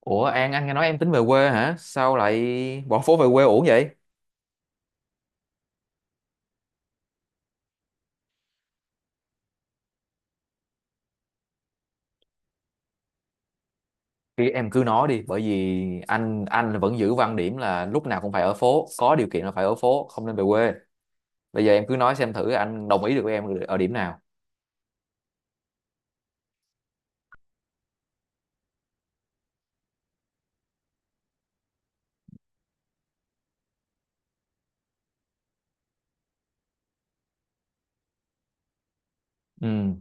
Ủa An, anh nghe nói em tính về quê hả? Sao lại bỏ phố về quê uổng vậy? Thì em cứ nói đi, bởi vì anh vẫn giữ quan điểm là lúc nào cũng phải ở phố, có điều kiện là phải ở phố, không nên về quê. Bây giờ em cứ nói xem thử anh đồng ý được với em ở điểm nào. Ừ,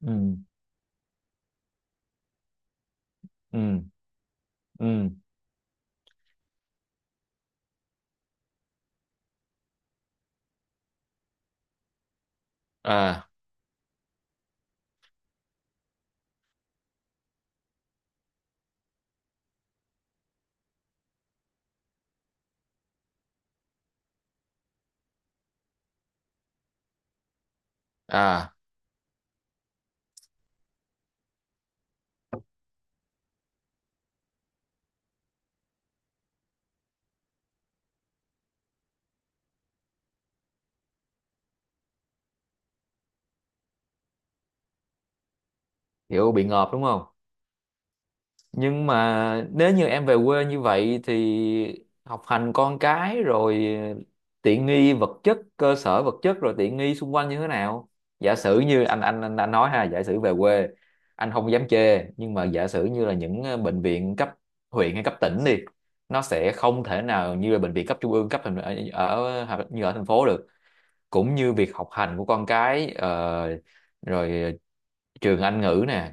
ừ, ừ, ừ. À, à, hiểu bị ngợp đúng không? Nhưng mà nếu như em về quê như vậy thì học hành con cái rồi tiện nghi vật chất cơ sở vật chất rồi tiện nghi xung quanh như thế nào, giả sử như anh nói ha, giả sử về quê anh không dám chê, nhưng mà giả sử như là những bệnh viện cấp huyện hay cấp tỉnh đi, nó sẽ không thể nào như là bệnh viện cấp trung ương cấp thành ở hoặc như ở thành phố được, cũng như việc học hành của con cái rồi trường Anh ngữ nè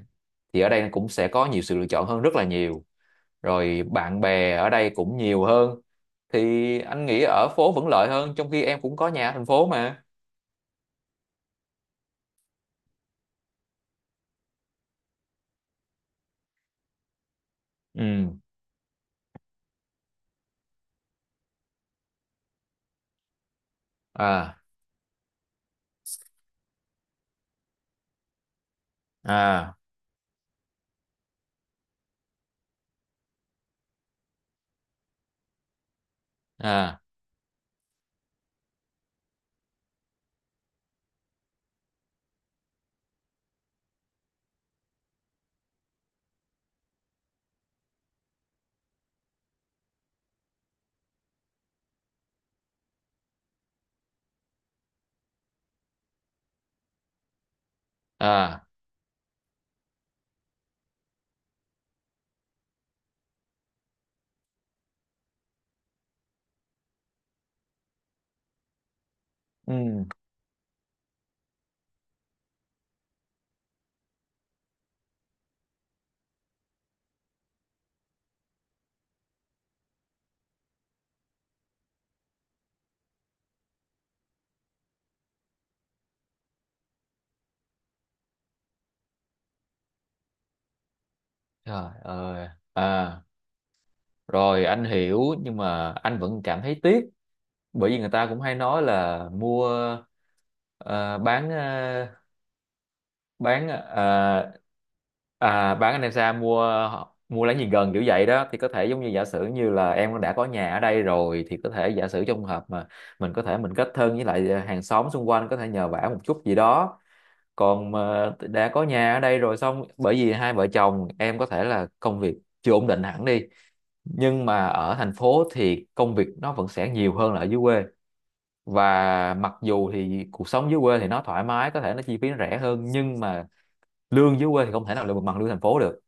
thì ở đây cũng sẽ có nhiều sự lựa chọn hơn rất là nhiều, rồi bạn bè ở đây cũng nhiều hơn, thì anh nghĩ ở phố vẫn lợi hơn trong khi em cũng có nhà ở thành phố mà. Ừ. À. À. À. À. Ừ. Trời ơi à, rồi anh hiểu nhưng mà anh vẫn cảm thấy tiếc, bởi vì người ta cũng hay nói là mua ờ, bán bán à, bán anh em xa, mua mua lấy gì gần kiểu vậy đó. Thì có thể giống như giả sử như là em đã có nhà ở đây rồi thì có thể giả sử trong hợp mà mình có thể mình kết thân với lại hàng xóm xung quanh, có thể nhờ vả một chút gì đó. Còn mà đã có nhà ở đây rồi xong, bởi vì hai vợ chồng em có thể là công việc chưa ổn định hẳn đi, nhưng mà ở thành phố thì công việc nó vẫn sẽ nhiều hơn là ở dưới quê, và mặc dù thì cuộc sống dưới quê thì nó thoải mái, có thể nó chi phí nó rẻ hơn, nhưng mà lương dưới quê thì không thể nào là bằng lương thành phố được.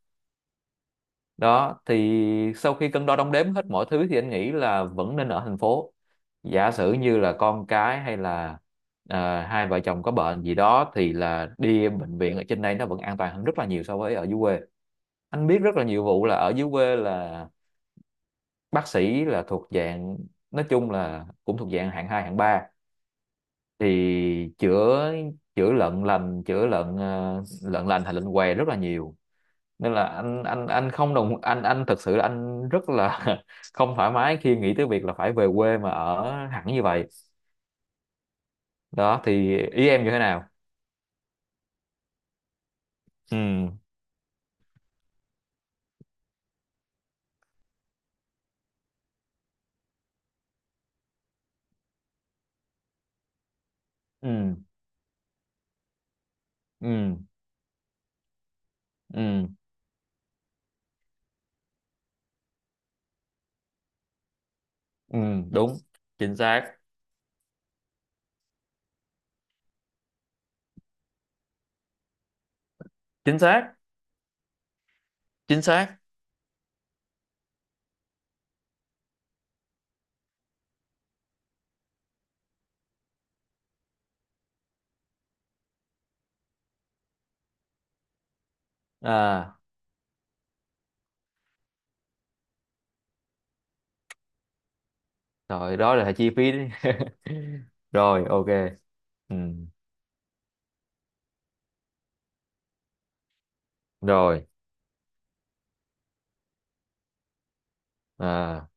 Đó thì sau khi cân đo đong đếm hết mọi thứ thì anh nghĩ là vẫn nên ở thành phố. Giả sử như là con cái hay là hai vợ chồng có bệnh gì đó thì là đi bệnh viện ở trên đây nó vẫn an toàn hơn rất là nhiều so với ở dưới quê. Anh biết rất là nhiều vụ là ở dưới quê là bác sĩ là thuộc dạng, nói chung là cũng thuộc dạng hạng 2 hạng ba, thì chữa chữa lợn lành, chữa lợn lợn lành hay lợn què rất là nhiều, nên là anh không đồng anh thực sự là anh rất là không thoải mái khi nghĩ tới việc là phải về quê mà ở hẳn như vậy. Đó thì ý em như thế nào? Ừ. Ừ. Ừ. Ừ. Ừ. Đúng. Chính xác. Chính xác. Chính xác. À, rồi đó là chi phí đấy. Rồi ok. Ừ. Rồi. À,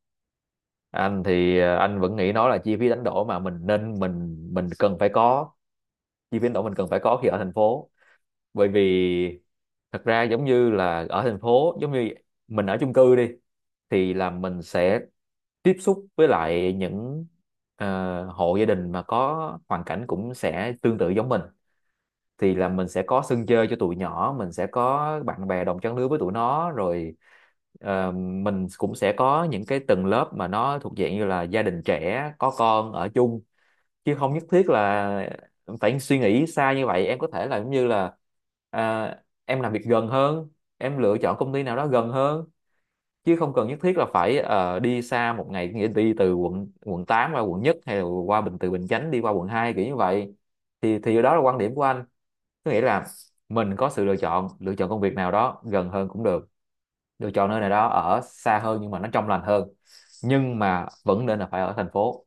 anh thì anh vẫn nghĩ nó là chi phí đánh đổi mà mình nên mình cần phải có, chi phí đánh đổi mình cần phải có khi ở thành phố. Bởi vì thật ra giống như là ở thành phố, giống như mình ở chung cư đi, thì là mình sẽ tiếp xúc với lại những hộ gia đình mà có hoàn cảnh cũng sẽ tương tự giống mình, thì là mình sẽ có sân chơi cho tụi nhỏ, mình sẽ có bạn bè đồng trang lứa với tụi nó, rồi mình cũng sẽ có những cái tầng lớp mà nó thuộc dạng như là gia đình trẻ có con ở chung, chứ không nhất thiết là phải suy nghĩ xa như vậy. Em có thể là giống như là à, em làm việc gần hơn, em lựa chọn công ty nào đó gần hơn, chứ không cần nhất thiết là phải đi xa một ngày, nghĩa đi từ quận quận 8 qua quận 1 hay là qua Bình, từ Bình Chánh đi qua quận 2 kiểu như vậy. Thì đó là quan điểm của anh, có nghĩa là mình có sự lựa chọn, lựa chọn công việc nào đó gần hơn cũng được, lựa chọn nơi nào đó ở xa hơn nhưng mà nó trong lành hơn, nhưng mà vẫn nên là phải ở thành phố.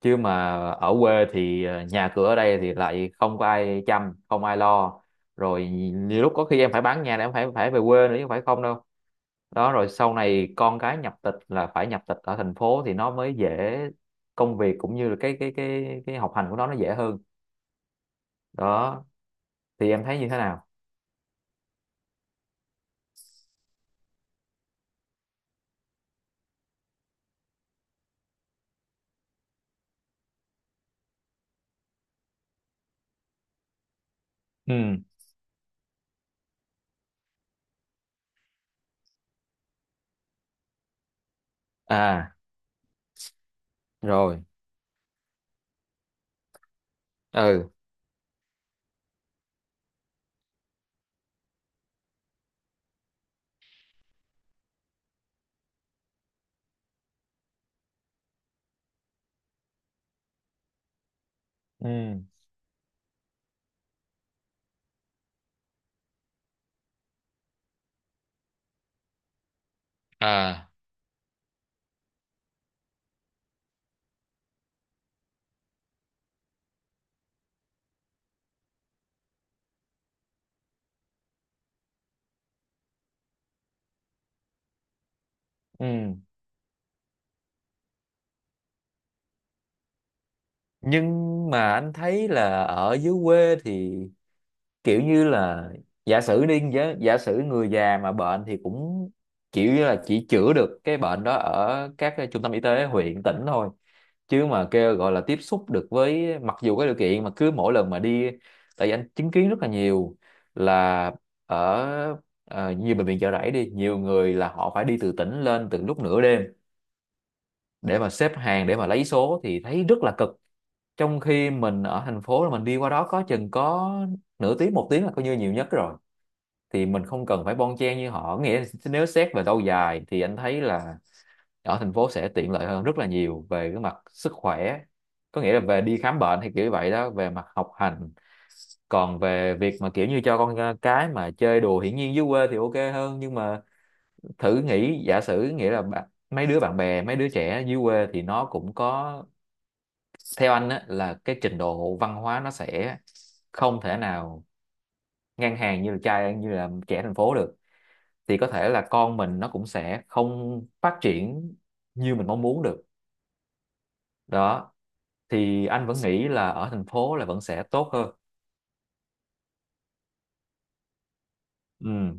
Chứ mà ở quê thì nhà cửa ở đây thì lại không có ai chăm, không ai lo. Rồi nhiều lúc có khi em phải bán nhà để em phải phải về quê nữa, chứ không phải không đâu. Đó, rồi sau này con cái nhập tịch là phải nhập tịch ở thành phố thì nó mới dễ, công việc cũng như là cái học hành của nó dễ hơn. Đó thì em thấy như thế nào? Ừ. À. Rồi. Ừ. Ừ. À. Ừ. Nhưng mà anh thấy là ở dưới quê thì kiểu như là, giả sử đi giả sử người già mà bệnh thì cũng kiểu như là chỉ chữa được cái bệnh đó ở các cái trung tâm y tế huyện tỉnh thôi, chứ mà kêu gọi là tiếp xúc được với, mặc dù cái điều kiện mà cứ mỗi lần mà đi, tại vì anh chứng kiến rất là nhiều là ở nhiều bệnh viện Chợ Rẫy đi, nhiều người là họ phải đi từ tỉnh lên từ lúc nửa đêm để mà xếp hàng để mà lấy số thì thấy rất là cực, trong khi mình ở thành phố là mình đi qua đó có chừng có nửa tiếng một tiếng là coi như nhiều nhất rồi, thì mình không cần phải bon chen như họ. Nghĩa là nếu xét về lâu dài thì anh thấy là ở thành phố sẽ tiện lợi hơn rất là nhiều về cái mặt sức khỏe, có nghĩa là về đi khám bệnh hay kiểu như vậy đó, về mặt học hành, còn về việc mà kiểu như cho con cái mà chơi đùa, hiển nhiên dưới quê thì ok hơn, nhưng mà thử nghĩ giả sử nghĩa là mấy đứa bạn bè, mấy đứa trẻ dưới quê thì nó cũng có, theo anh á, là cái trình độ văn hóa nó sẽ không thể nào ngang hàng như là trai như là trẻ thành phố được, thì có thể là con mình nó cũng sẽ không phát triển như mình mong muốn được. Đó thì anh vẫn nghĩ là ở thành phố là vẫn sẽ tốt hơn. Ừ.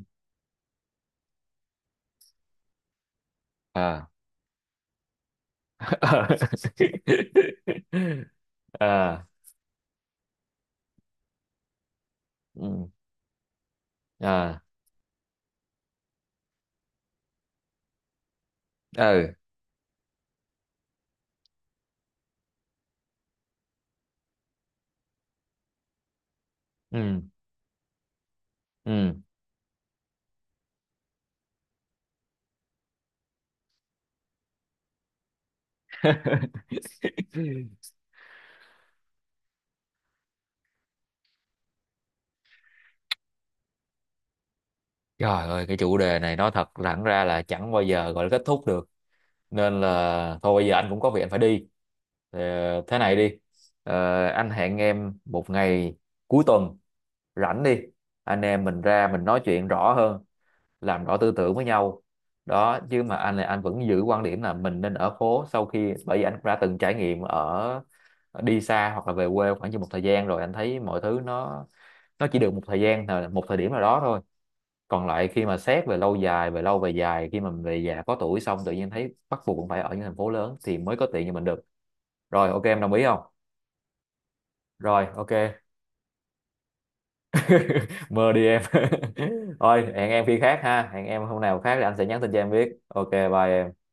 À. À. Ừ. À. Ừ. Ừ. Ừ. Trời ơi, cái chủ đề này nói thật thẳng ra là chẳng bao giờ gọi là kết thúc được, nên là thôi bây giờ anh cũng có việc anh phải đi. Ờ, thế này đi. Ờ, anh hẹn em một ngày cuối tuần rảnh đi, anh em mình ra mình nói chuyện rõ hơn, làm rõ tư tưởng với nhau. Đó, chứ mà anh là anh vẫn giữ quan điểm là mình nên ở phố, sau khi bởi vì anh cũng đã từng trải nghiệm ở đi xa hoặc là về quê khoảng như một thời gian rồi, anh thấy mọi thứ nó chỉ được một thời gian, một thời điểm nào đó thôi, còn lại khi mà xét về lâu dài, về lâu về dài, khi mà mình về già có tuổi xong tự nhiên thấy bắt buộc cũng phải ở những thành phố lớn thì mới có tiền cho mình được. Rồi ok, em đồng ý không? Rồi ok. Mơ đi em. Thôi hẹn em khi khác ha, hẹn em hôm nào khác thì anh sẽ nhắn tin cho em biết. Ok, bye em.